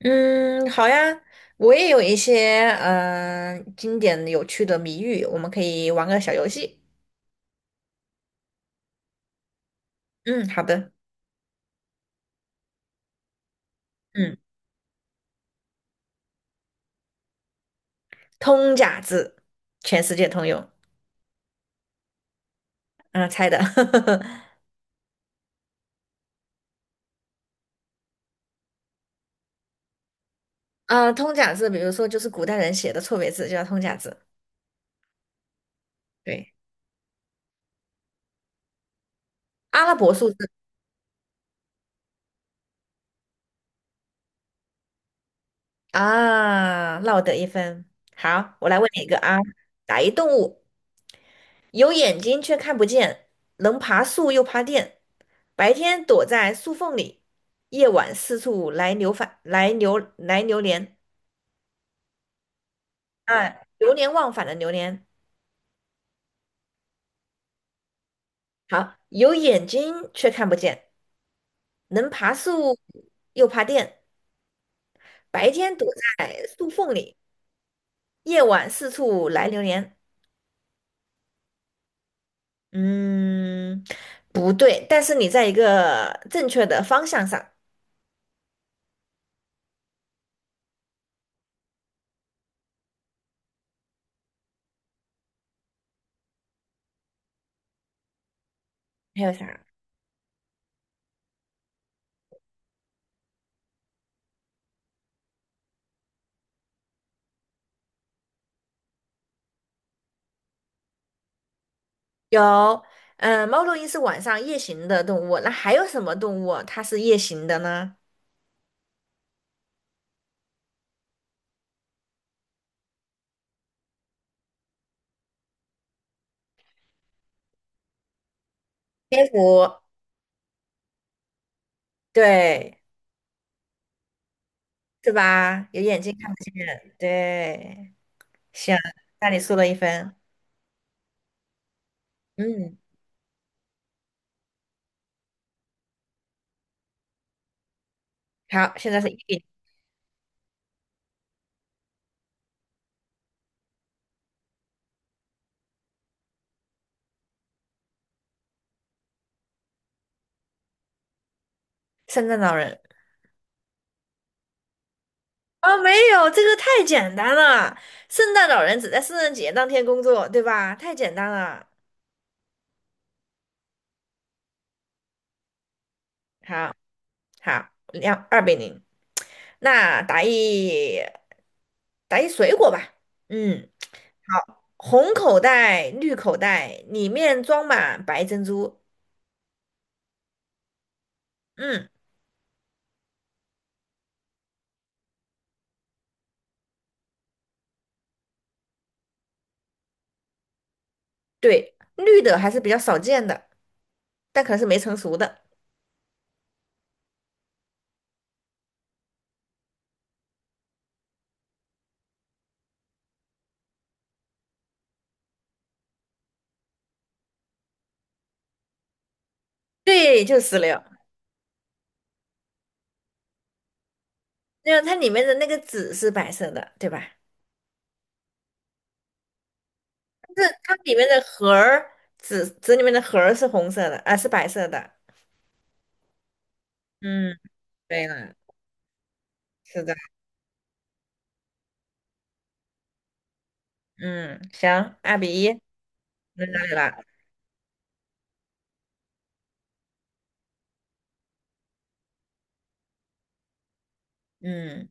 嗯，好呀，我也有一些经典有趣的谜语，我们可以玩个小游戏。嗯，好的。嗯，通假字，全世界通用。嗯、猜的。啊，通假字，比如说就是古代人写的错别字，就叫通假字。对，阿拉伯数字啊，落得一分。好，我来问你一个啊，打一动物。有眼睛却看不见，能爬树又爬电，白天躲在树缝里，夜晚四处来流返，来流来流连，啊，流连忘返的流连。好，有眼睛却看不见，能爬树又爬电，白天躲在树缝里，夜晚四处来流连。嗯，不对，但是你在一个正确的方向上。还有啥？有，猫头鹰是晚上夜行的动物，那还有什么动物它是夜行的呢？蝙蝠，对，是吧？有眼睛看不见，对，行，那你输了一分，嗯，好，现在是一比零。圣诞老人。哦，没有，这个太简单了。圣诞老人只在圣诞节当天工作，对吧？太简单了。好，好，二比零。那打一水果吧。嗯。好，红口袋、绿口袋，里面装满白珍珠。嗯，对，绿的还是比较少见的，但可能是没成熟的。对，就是石榴。因为它里面的那个籽是白色的，对吧？但是它里面的核儿，籽里面的核儿是红色的，啊，是白色的。嗯，对了，是的。嗯，行，二比一，轮到你了。嗯，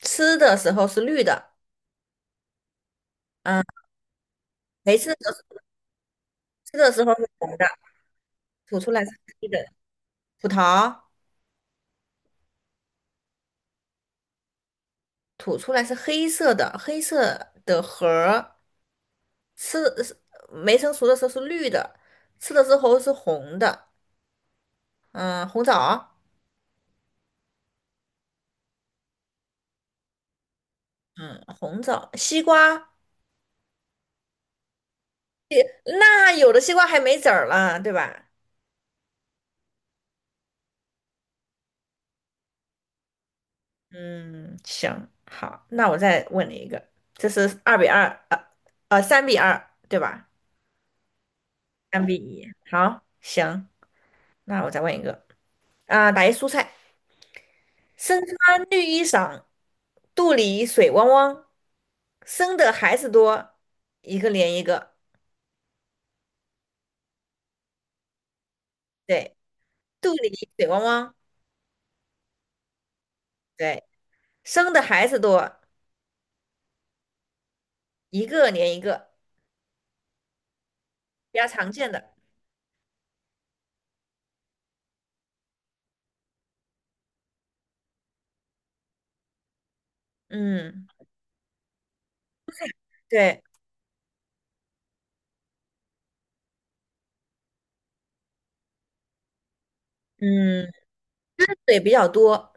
吃的时候是绿的，嗯，没吃的时候吃的时候是红的，吐出来是黑的。葡萄。吐出来是黑色的，黑色的核儿，吃是没成熟的时候是绿的，吃的时候是红的，嗯，红枣，嗯，红枣，西瓜，也那有的西瓜还没籽儿了，对吧？嗯，行，好，那我再问你一个，这是二比二，三比二，对吧？三比一，好，行，那我再问一个，打一蔬菜。身穿绿衣裳，肚里水汪汪，生的孩子多，一个连一个。对，肚里水汪汪，对，生的孩子多，一个连一个，比较常见的。嗯，对，嗯，汁水比较多，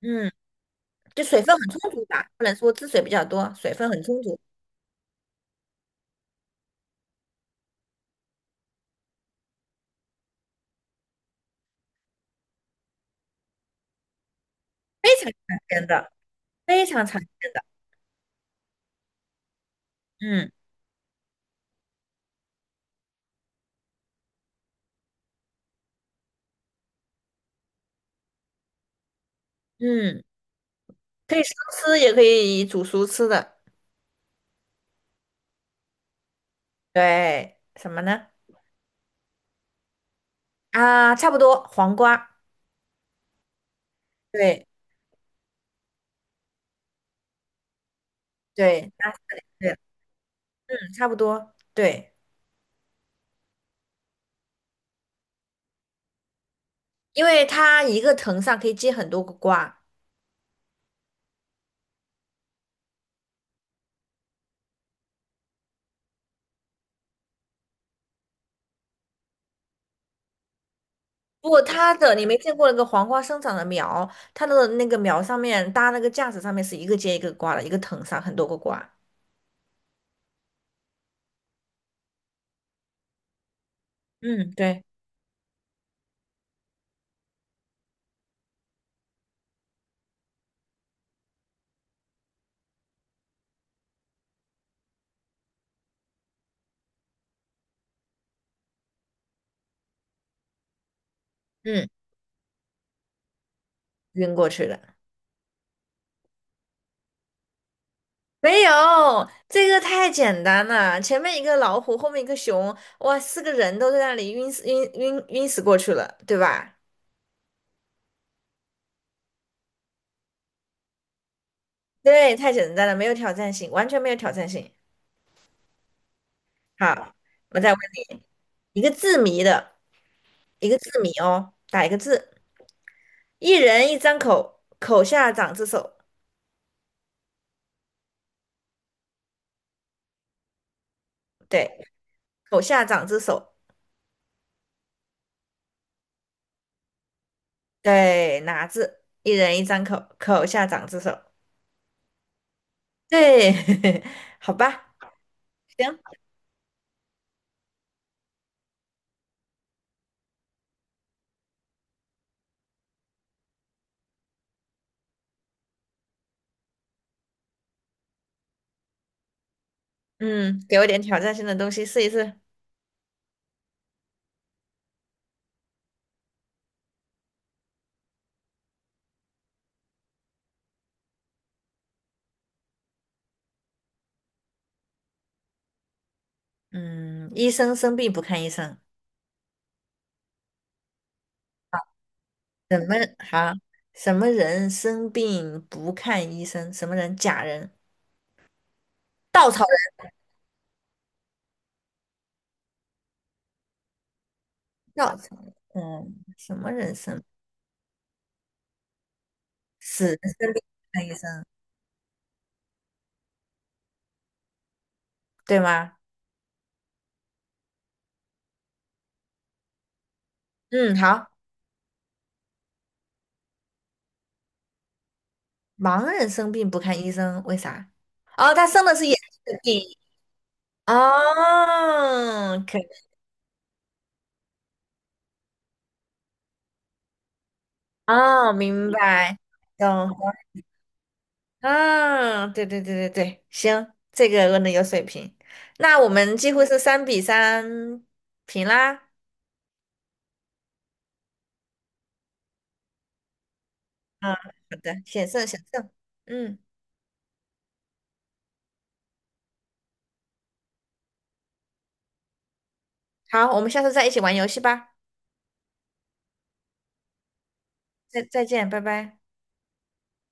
嗯，就水分很充足吧，不能说汁水比较多，水分很充足，非常常见的，非常常见的。嗯嗯，可以生吃，也可以煮熟吃的。对，什么呢？啊，差不多，黄瓜，对对，那对，差不多，对，因为它一个藤上可以结很多个瓜。不过你没见过那个黄瓜生长的苗，它的那个苗上面搭那个架子上面是一个接一个瓜的，一个藤上很多个瓜。嗯，对，嗯，晕过去了。没有，这个太简单了。前面一个老虎，后面一个熊，哇，四个人都在那里晕死过去了，对吧？对，太简单了，没有挑战性，完全没有挑战性。好，我再问你一个字谜的，一个字谜哦，打一个字，一人一张口，口下长只手，对，口下长只手，对，哪字？一人一张口，口下长只手，对，好吧，行，嗯，给我点挑战性的东西试一试。嗯，医生生病不看医生，什么好？什么人生病不看医生？什么人？假人，稻草人，稻草人，什么人生？死看医生，对吗？嗯，好，盲人生病不看医生，为啥？哦，他生的是眼睛的病。哦，可以，哦，明白，懂，啊，对对对对对，行，这个问的有水平。那我们几乎是三比三平啦。嗯，好的，险胜险胜。嗯，好，我们下次再一起玩游戏吧。再见，拜拜。